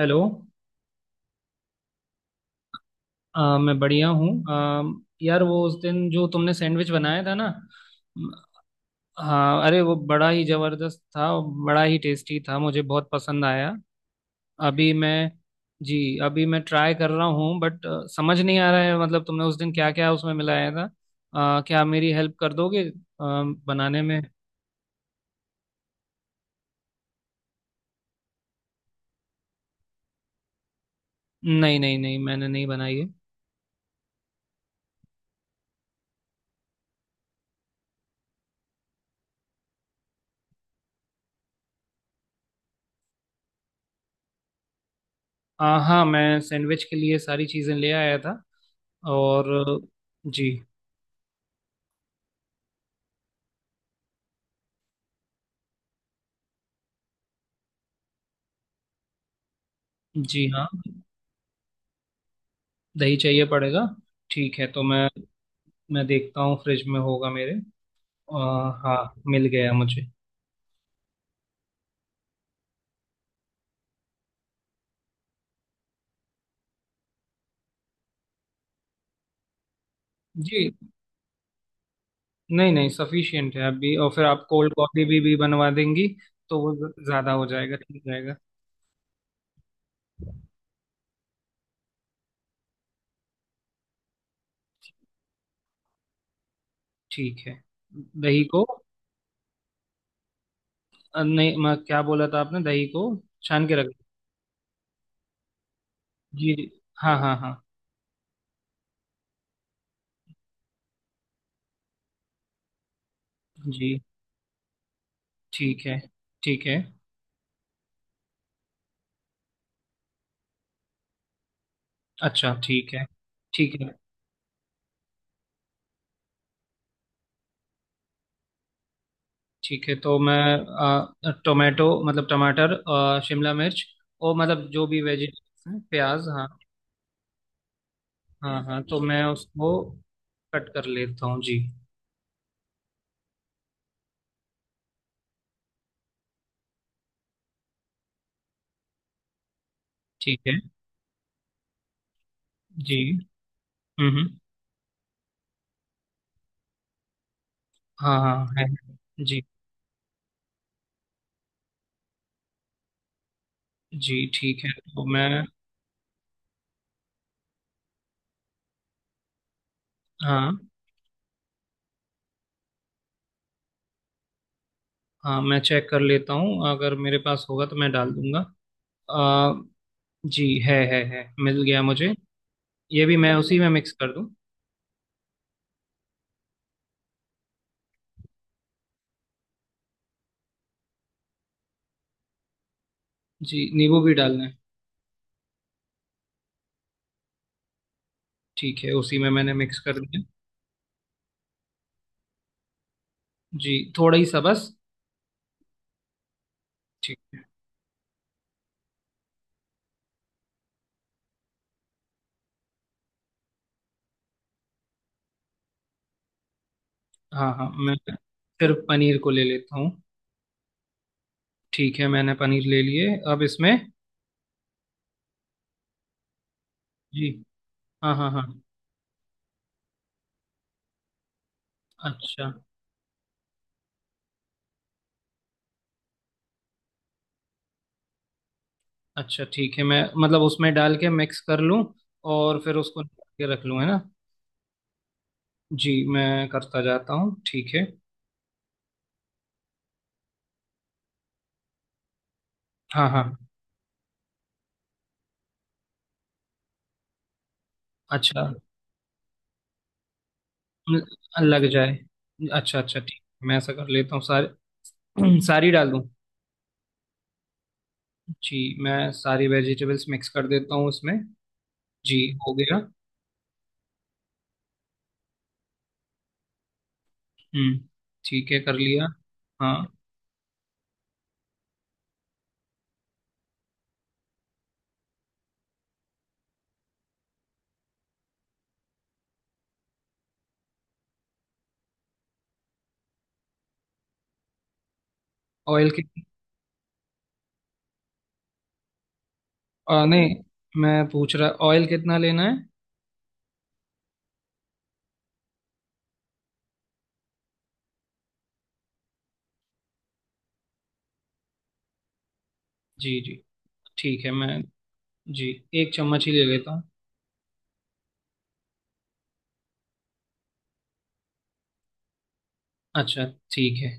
Hello. मैं बढ़िया हूँ। यार वो उस दिन जो तुमने सैंडविच बनाया था ना। म, हाँ, अरे वो बड़ा ही जबरदस्त था। बड़ा ही टेस्टी था, मुझे बहुत पसंद आया। अभी मैं। जी। अभी मैं ट्राई कर रहा हूँ, बट समझ नहीं आ रहा है। मतलब तुमने उस दिन क्या क्या उसमें मिलाया था। क्या आप मेरी हेल्प कर दोगे बनाने में। नहीं नहीं नहीं, मैंने नहीं बनाई है। हाँ, मैं सैंडविच के लिए सारी चीज़ें ले आया था और। जी। जी हाँ। दही चाहिए पड़ेगा। ठीक है, तो मैं। मैं देखता हूँ, फ्रिज में होगा मेरे। अ, हाँ, मिल गया मुझे। जी। नहीं नहीं, सफिशियंट है अभी, और फिर आप कोल्ड कॉफी भी बनवा देंगी। तो वो ज़्यादा हो जाएगा, ठीक रहेगा। ठीक है, दही को। नहीं, मैं क्या बोला था आपने, दही को छान के रख। जी। हाँ हाँ हाँ। जी ठीक है। ठीक है। अच्छा ठीक है। ठीक है। ठीक है, तो मैं। टोमेटो, मतलब टमाटर, शिमला मिर्च, और मतलब जो भी वेजिटेबल्स हैं, प्याज, हाँ। हाँ हाँ, तो मैं उसको कट कर लेता हूँ, जी। ठीक है। जी। हम्म। हाँ हाँ, है। जी जी ठीक है, तो मैं। हाँ हाँ, मैं चेक कर लेता हूँ, अगर मेरे पास होगा तो मैं डाल दूंगा। अ, जी, है, मिल गया मुझे। ये भी मैं उसी में मिक्स कर दूँ। जी, नींबू भी डालना है। ठीक है, उसी में मैंने मिक्स कर दिया। जी, थोड़ा ही सा बस। ठीक है। हाँ हाँ, मैं फिर पनीर को ले लेता हूँ। ठीक है, मैंने पनीर ले लिए, अब इसमें। जी। हाँ हाँ हाँ। अच्छा अच्छा ठीक है, मैं मतलब उसमें डाल के मिक्स कर लूँ, और फिर उसको निकाल के रख लूँ, है ना। जी, मैं करता जाता हूँ, ठीक है। हाँ हाँ, अच्छा। ल- लग जाए। अच्छा अच्छा ठीक। मैं ऐसा कर लेता हूँ, सारी सारी डाल दूँ। जी, मैं सारी वेजिटेबल्स मिक्स कर देता हूँ उसमें। जी। हो गया। हम्म। ठीक है, कर लिया। हाँ, ऑयल कितना। नहीं, मैं पूछ रहा, ऑयल कितना लेना है। जी जी। ठीक है, मैं। जी, एक चम्मच ही ले लेता हूँ। अच्छा। ठीक है।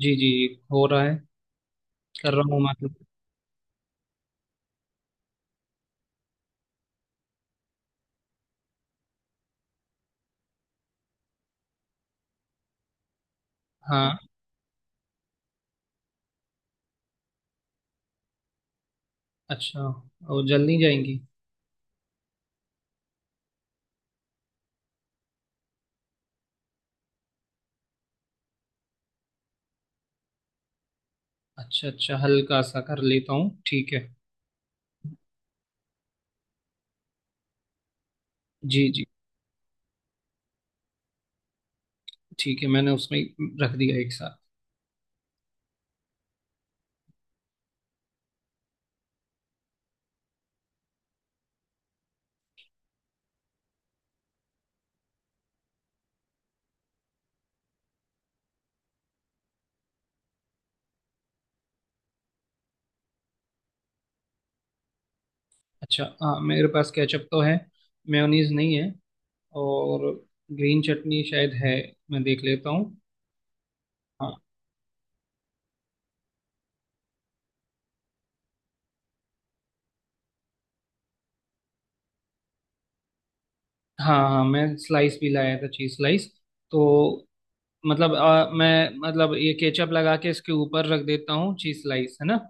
जी जी जी, हो रहा है। कर रहा हूँ, मतलब। हाँ। अच्छा, और जल नहीं जाएंगी। अच्छा अच्छा, हल्का सा कर लेता हूँ, ठीक है। जी जी। ठीक है, मैंने उसमें रख दिया एक साथ। अच्छा, हाँ, मेरे पास केचप तो है, मेयोनीज नहीं है। और ग्रीन चटनी शायद है, मैं देख लेता हूँ। हाँ। हाँ हाँ, मैं स्लाइस भी लाया था, चीज स्लाइस। तो मतलब मैं मतलब ये केचप लगा के इसके ऊपर रख देता हूँ चीज स्लाइस, है ना।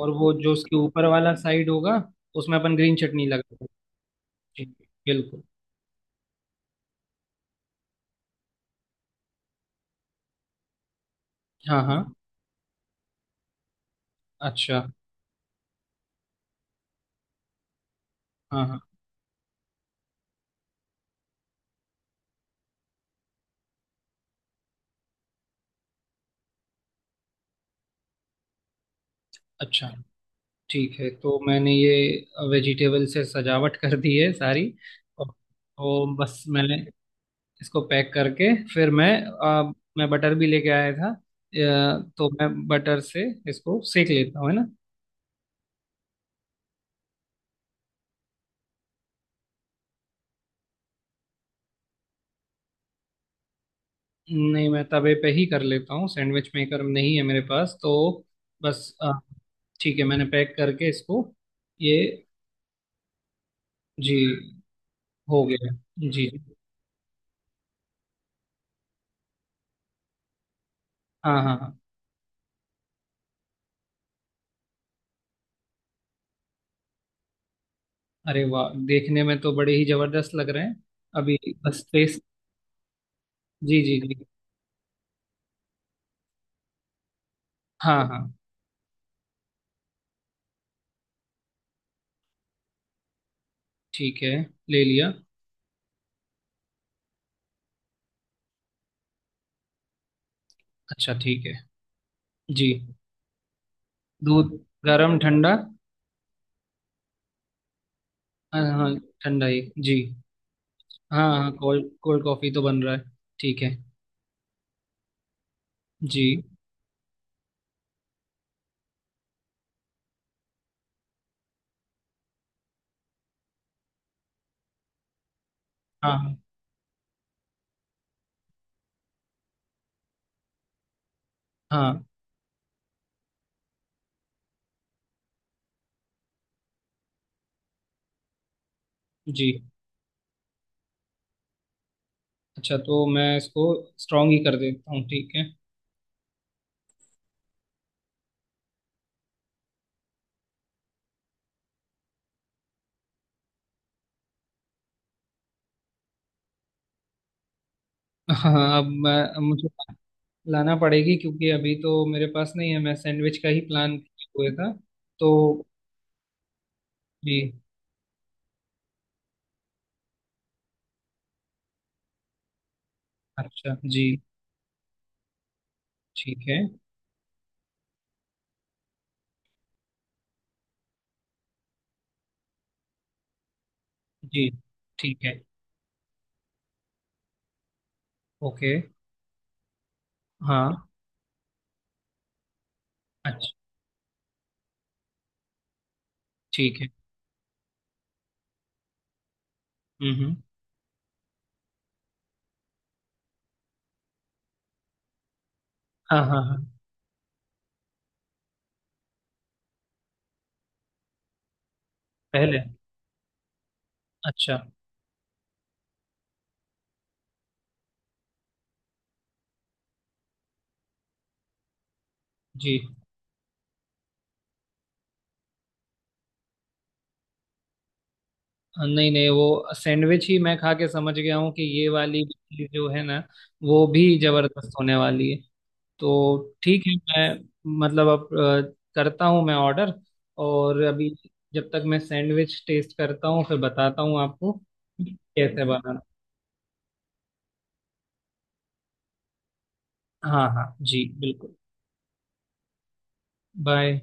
और वो जो उसके ऊपर वाला साइड होगा, उसमें अपन ग्रीन चटनी लगा देंगे। जी। बिल्कुल। हाँ हाँ। अच्छा। हाँ हाँ। अच्छा ठीक है, तो मैंने ये वेजिटेबल से सजावट कर दी है सारी। और तो बस, मैंने इसको पैक करके फिर मैं मैं बटर भी लेके आया था, तो मैं बटर से इसको सेक लेता हूँ, है ना। नहीं, मैं तवे पे ही कर लेता हूँ, सैंडविच मेकर नहीं है मेरे पास, तो बस। ठीक है, मैंने पैक करके इसको ये। जी। हो गया है। जी जी। हाँ हाँ हाँ। अरे वाह, देखने में तो बड़े ही जबरदस्त लग रहे हैं। अभी बस टेस्ट। जी जी जी। हाँ हाँ। ठीक है, ले लिया। अच्छा ठीक है। जी। दूध गरम ठंडा। हाँ हाँ, ठंडा ही। जी। हाँ हाँ, कोल्ड कोल्ड कॉफी तो बन रहा है। ठीक है। जी। हाँ हाँ। हाँ। जी। अच्छा, तो मैं इसको स्ट्रॉन्ग ही कर देता हूँ, ठीक है। हाँ, अब मैं, मुझे लाना पड़ेगी, क्योंकि अभी तो मेरे पास नहीं है। मैं सैंडविच का ही प्लान हुए था। तो। जी। अच्छा जी। ठीक है। जी। ठीक है। ओके। हाँ। अच्छा। ठीक है। हम्म हम्म, हाँ हाँ हाँ। पहले। अच्छा। जी। हाँ, नहीं नहीं, वो सैंडविच ही मैं खा के समझ गया हूँ कि ये वाली चीज जो है ना, वो भी जबरदस्त होने वाली है। तो ठीक है। मैं मतलब अब करता हूँ मैं ऑर्डर। और अभी जब तक मैं सैंडविच टेस्ट करता हूँ, फिर बताता हूँ आपको कैसे बना। हाँ हाँ जी, बिल्कुल। बाय।